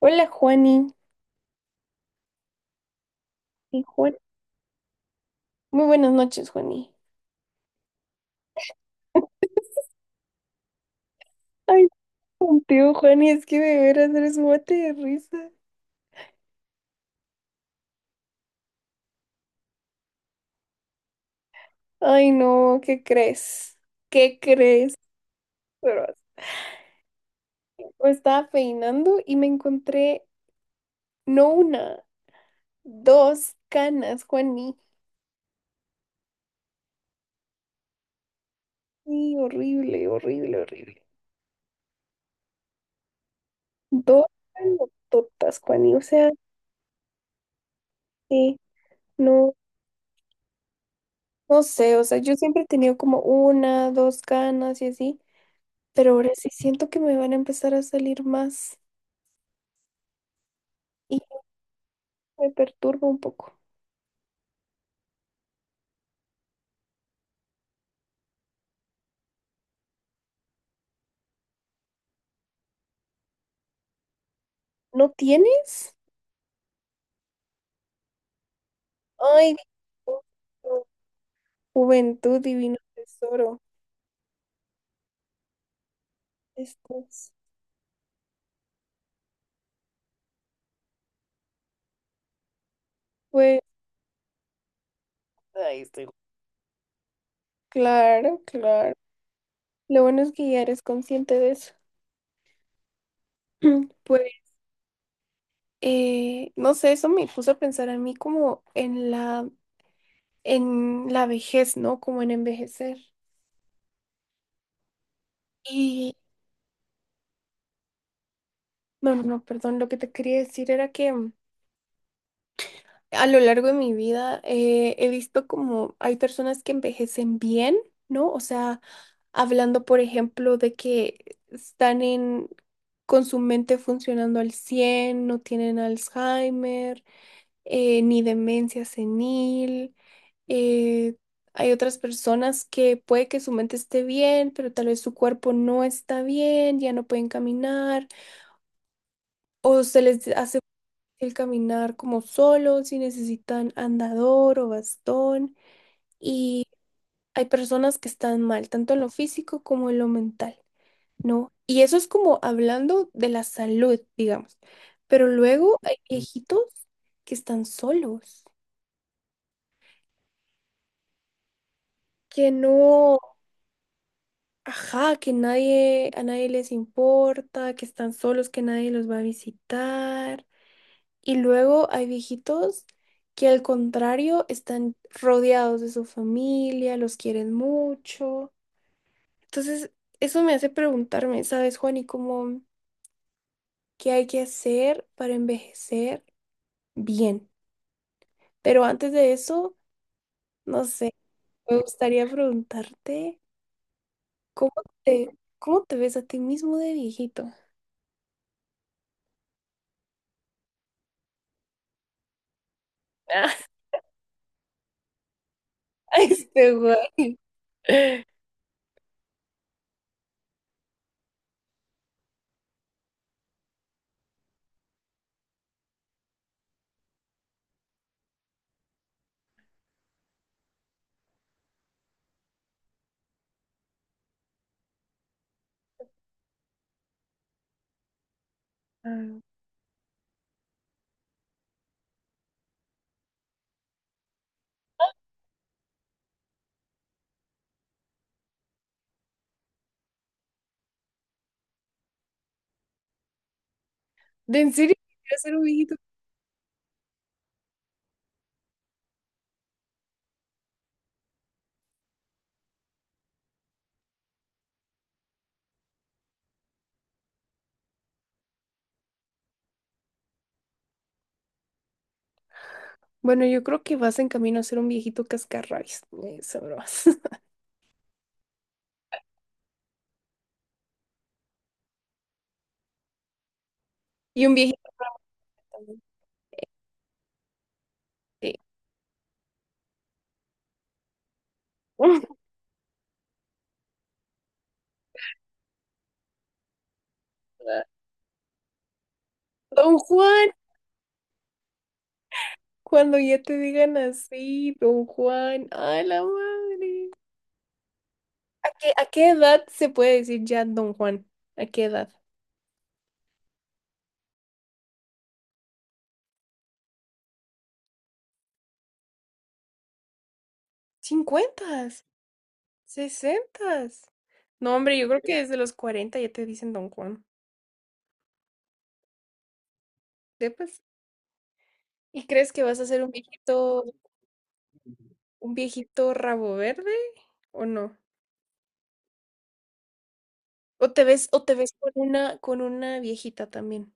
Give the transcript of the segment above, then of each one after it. Hola, Juani. Sí, Juan. Muy buenas noches, Juani. Ay, contigo, Juani, es que de veras eres un mate de risa. Ay, no, ¿qué crees? ¿Qué crees? Pero me estaba peinando y me encontré no una, dos canas, Juani. Sí, horrible, horrible, horrible. Dos canototas, Juani. O sea, sí, no, no sé, o sea, yo siempre he tenido como una, dos canas y así. Pero ahora sí siento que me van a empezar a salir más y me perturba un poco. ¿No tienes? Ay, Dios, juventud, divino tesoro. Esto es, pues, ay, estoy... Claro, claro. Lo bueno es que ya eres consciente de eso. Pues, no sé, eso me puso a pensar a mí como en en la vejez, ¿no? Como en envejecer. Y, no, no, no, perdón, lo que te quería decir era que a lo largo de mi vida he visto como hay personas que envejecen bien, ¿no? O sea, hablando, por ejemplo, de que están con su mente funcionando al cien, no tienen Alzheimer, ni demencia senil. eh, hay otras personas que puede que su mente esté bien, pero tal vez su cuerpo no está bien, ya no pueden caminar o se les hace el caminar como solo, si necesitan andador o bastón. Y hay personas que están mal, tanto en lo físico como en lo mental, ¿no? Y eso es como hablando de la salud, digamos. Pero luego hay viejitos que están solos, que no, ajá, que nadie, a nadie les importa, que están solos, que nadie los va a visitar. Y luego hay viejitos que al contrario están rodeados de su familia, los quieren mucho. Entonces, eso me hace preguntarme, ¿sabes, Juan? Y cómo, ¿qué hay que hacer para envejecer bien? Pero antes de eso, no sé, me gustaría preguntarte, ¿cómo ¿cómo te ves a ti mismo de viejito? Ah, este güey. Ah, ¿de en serio quieres ser un viejito? Bueno, yo creo que vas en camino a ser un viejito cascarrabias. Sabrás. Y un viejito también. Sí. Don Juan, cuando ya te digan así, Don Juan, a la madre. ¿A qué edad se puede decir ya Don Juan? ¿A qué edad? ¿Cincuentas? ¿Sesentas? No, hombre, yo creo que desde los 40 ya te dicen Don Juan. ¿Sepas? ¿Y crees que vas a ser un un viejito rabo verde o no? O te ves con con una viejita también.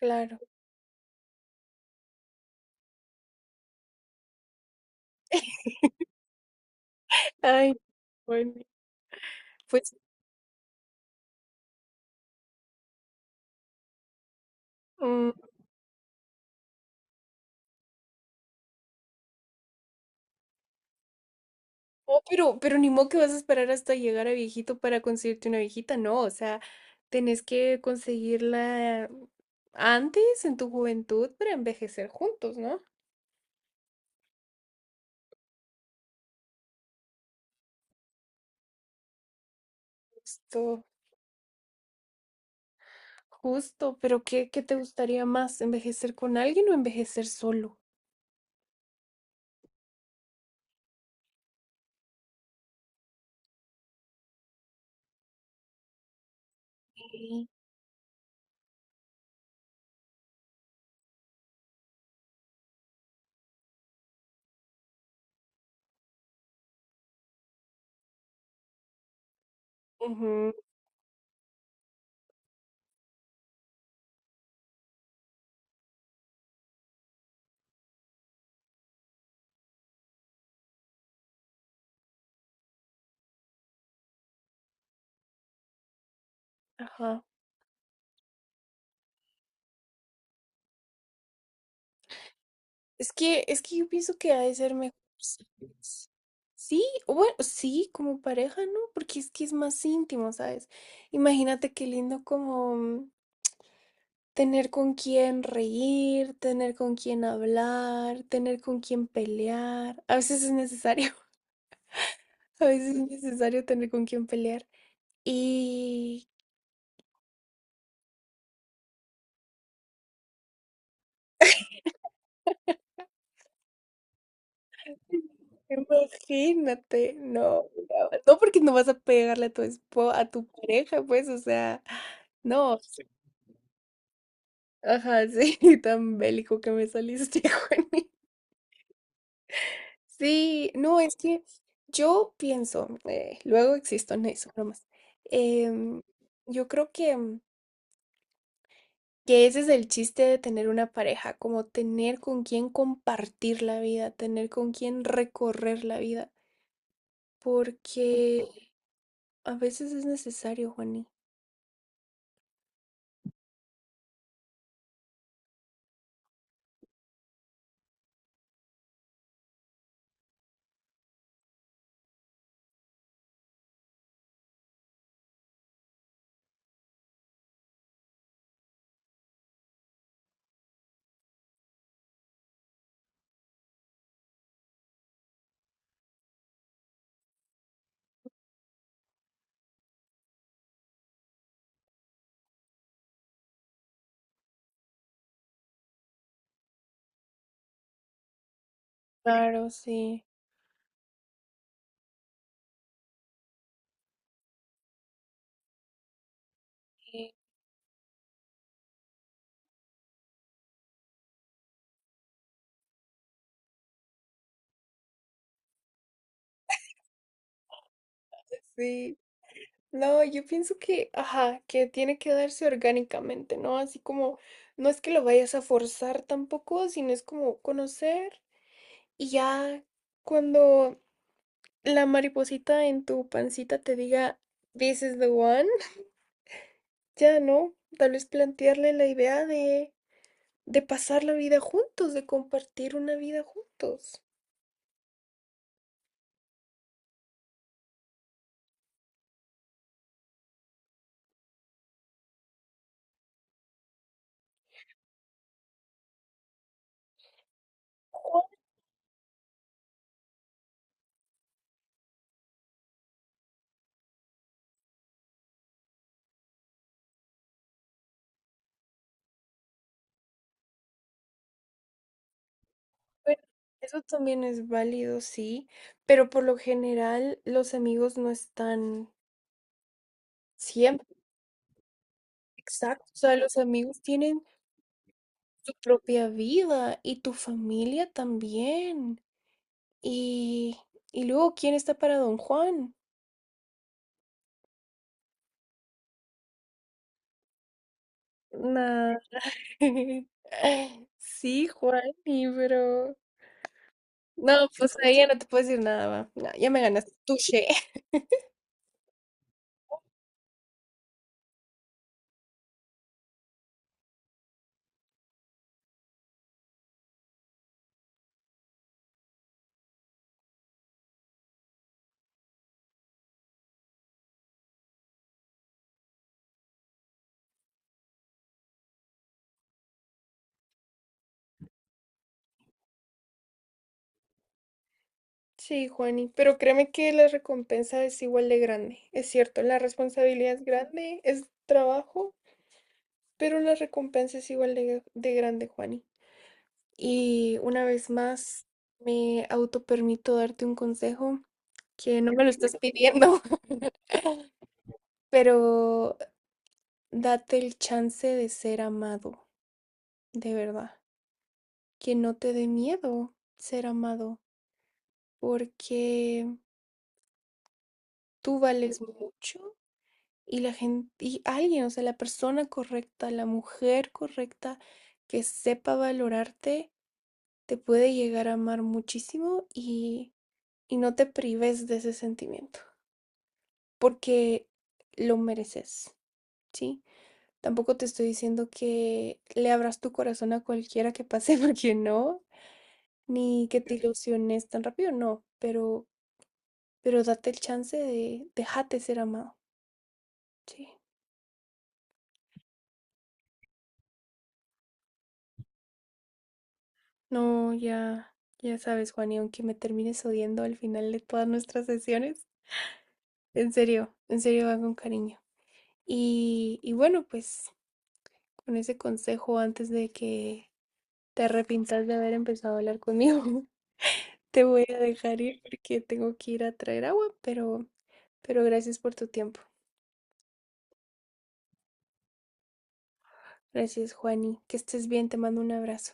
Claro. Ay, bueno, pues, mm, oh, pero ni modo que vas a esperar hasta llegar a viejito para conseguirte una viejita, no, o sea, tenés que conseguirla antes, en tu juventud, para envejecer juntos, ¿no? Justo, justo, pero ¿qué te gustaría más? ¿Envejecer con alguien o envejecer solo? Sí. Ujú, ajá. Es que yo pienso que ha de ser mejor. ¿Sabes? Sí, o bueno, sí, como pareja, ¿no? Porque es que es más íntimo, ¿sabes? Imagínate qué lindo como mm, tener con quién reír, tener con quién hablar, tener con quién pelear. A veces es necesario, a veces es necesario tener con quién pelear. Y imagínate, no, porque no vas a pegarle a tu esposa, a tu pareja, pues, o sea, no. Ajá, sí, tan bélico que me saliste, Juani. Sí, no, es que yo pienso, luego existo en eso, bromas. em, yo creo que, mm, que ese es el chiste de tener una pareja, como tener con quién compartir la vida, tener con quién recorrer la vida, porque a veces es necesario, Juani. Claro, sí. Sí. No, yo pienso que, ajá, que tiene que darse orgánicamente, ¿no? Así como, no es que lo vayas a forzar tampoco, sino es como conocer y ya cuando la mariposita en tu pancita te diga, this is the one, ya, ¿no? Tal vez plantearle la idea de pasar la vida juntos, de compartir una vida juntos. Oh, bueno, eso también es válido, sí, pero por lo general los amigos no están siempre. Exacto, o sea, los amigos tienen su propia vida y tu familia también. Y, y luego, ¿quién está para Don Juan? Nah. Sí, Juan, pero no, pues ahí ya no te puedo decir nada, va. No, ya me ganaste. Touché. Sí, Juani, pero créeme que la recompensa es igual de grande. Es cierto, la responsabilidad es grande, es trabajo, pero la recompensa es igual de grande, Juani. Y una vez más, me autopermito darte un consejo que no me lo estás pidiendo, pero date el chance de ser amado, de verdad. Que no te dé miedo ser amado, porque tú vales mucho y alguien, o sea, la persona correcta, la mujer correcta que sepa valorarte, te puede llegar a amar muchísimo y no te prives de ese sentimiento. Porque lo mereces, ¿sí? Tampoco te estoy diciendo que le abras tu corazón a cualquiera que pase, porque no, ni que te ilusiones tan rápido, no, pero date el chance de, déjate ser amado, ¿sí? No, ya, ya sabes, Juan, y aunque me termines odiando al final de todas nuestras sesiones, en serio va con cariño. Y bueno, pues con ese consejo antes de que te arrepintas de haber empezado a hablar conmigo. Te voy a dejar ir porque tengo que ir a traer agua, pero gracias por tu tiempo. Gracias, Juani. Que estés bien, te mando un abrazo.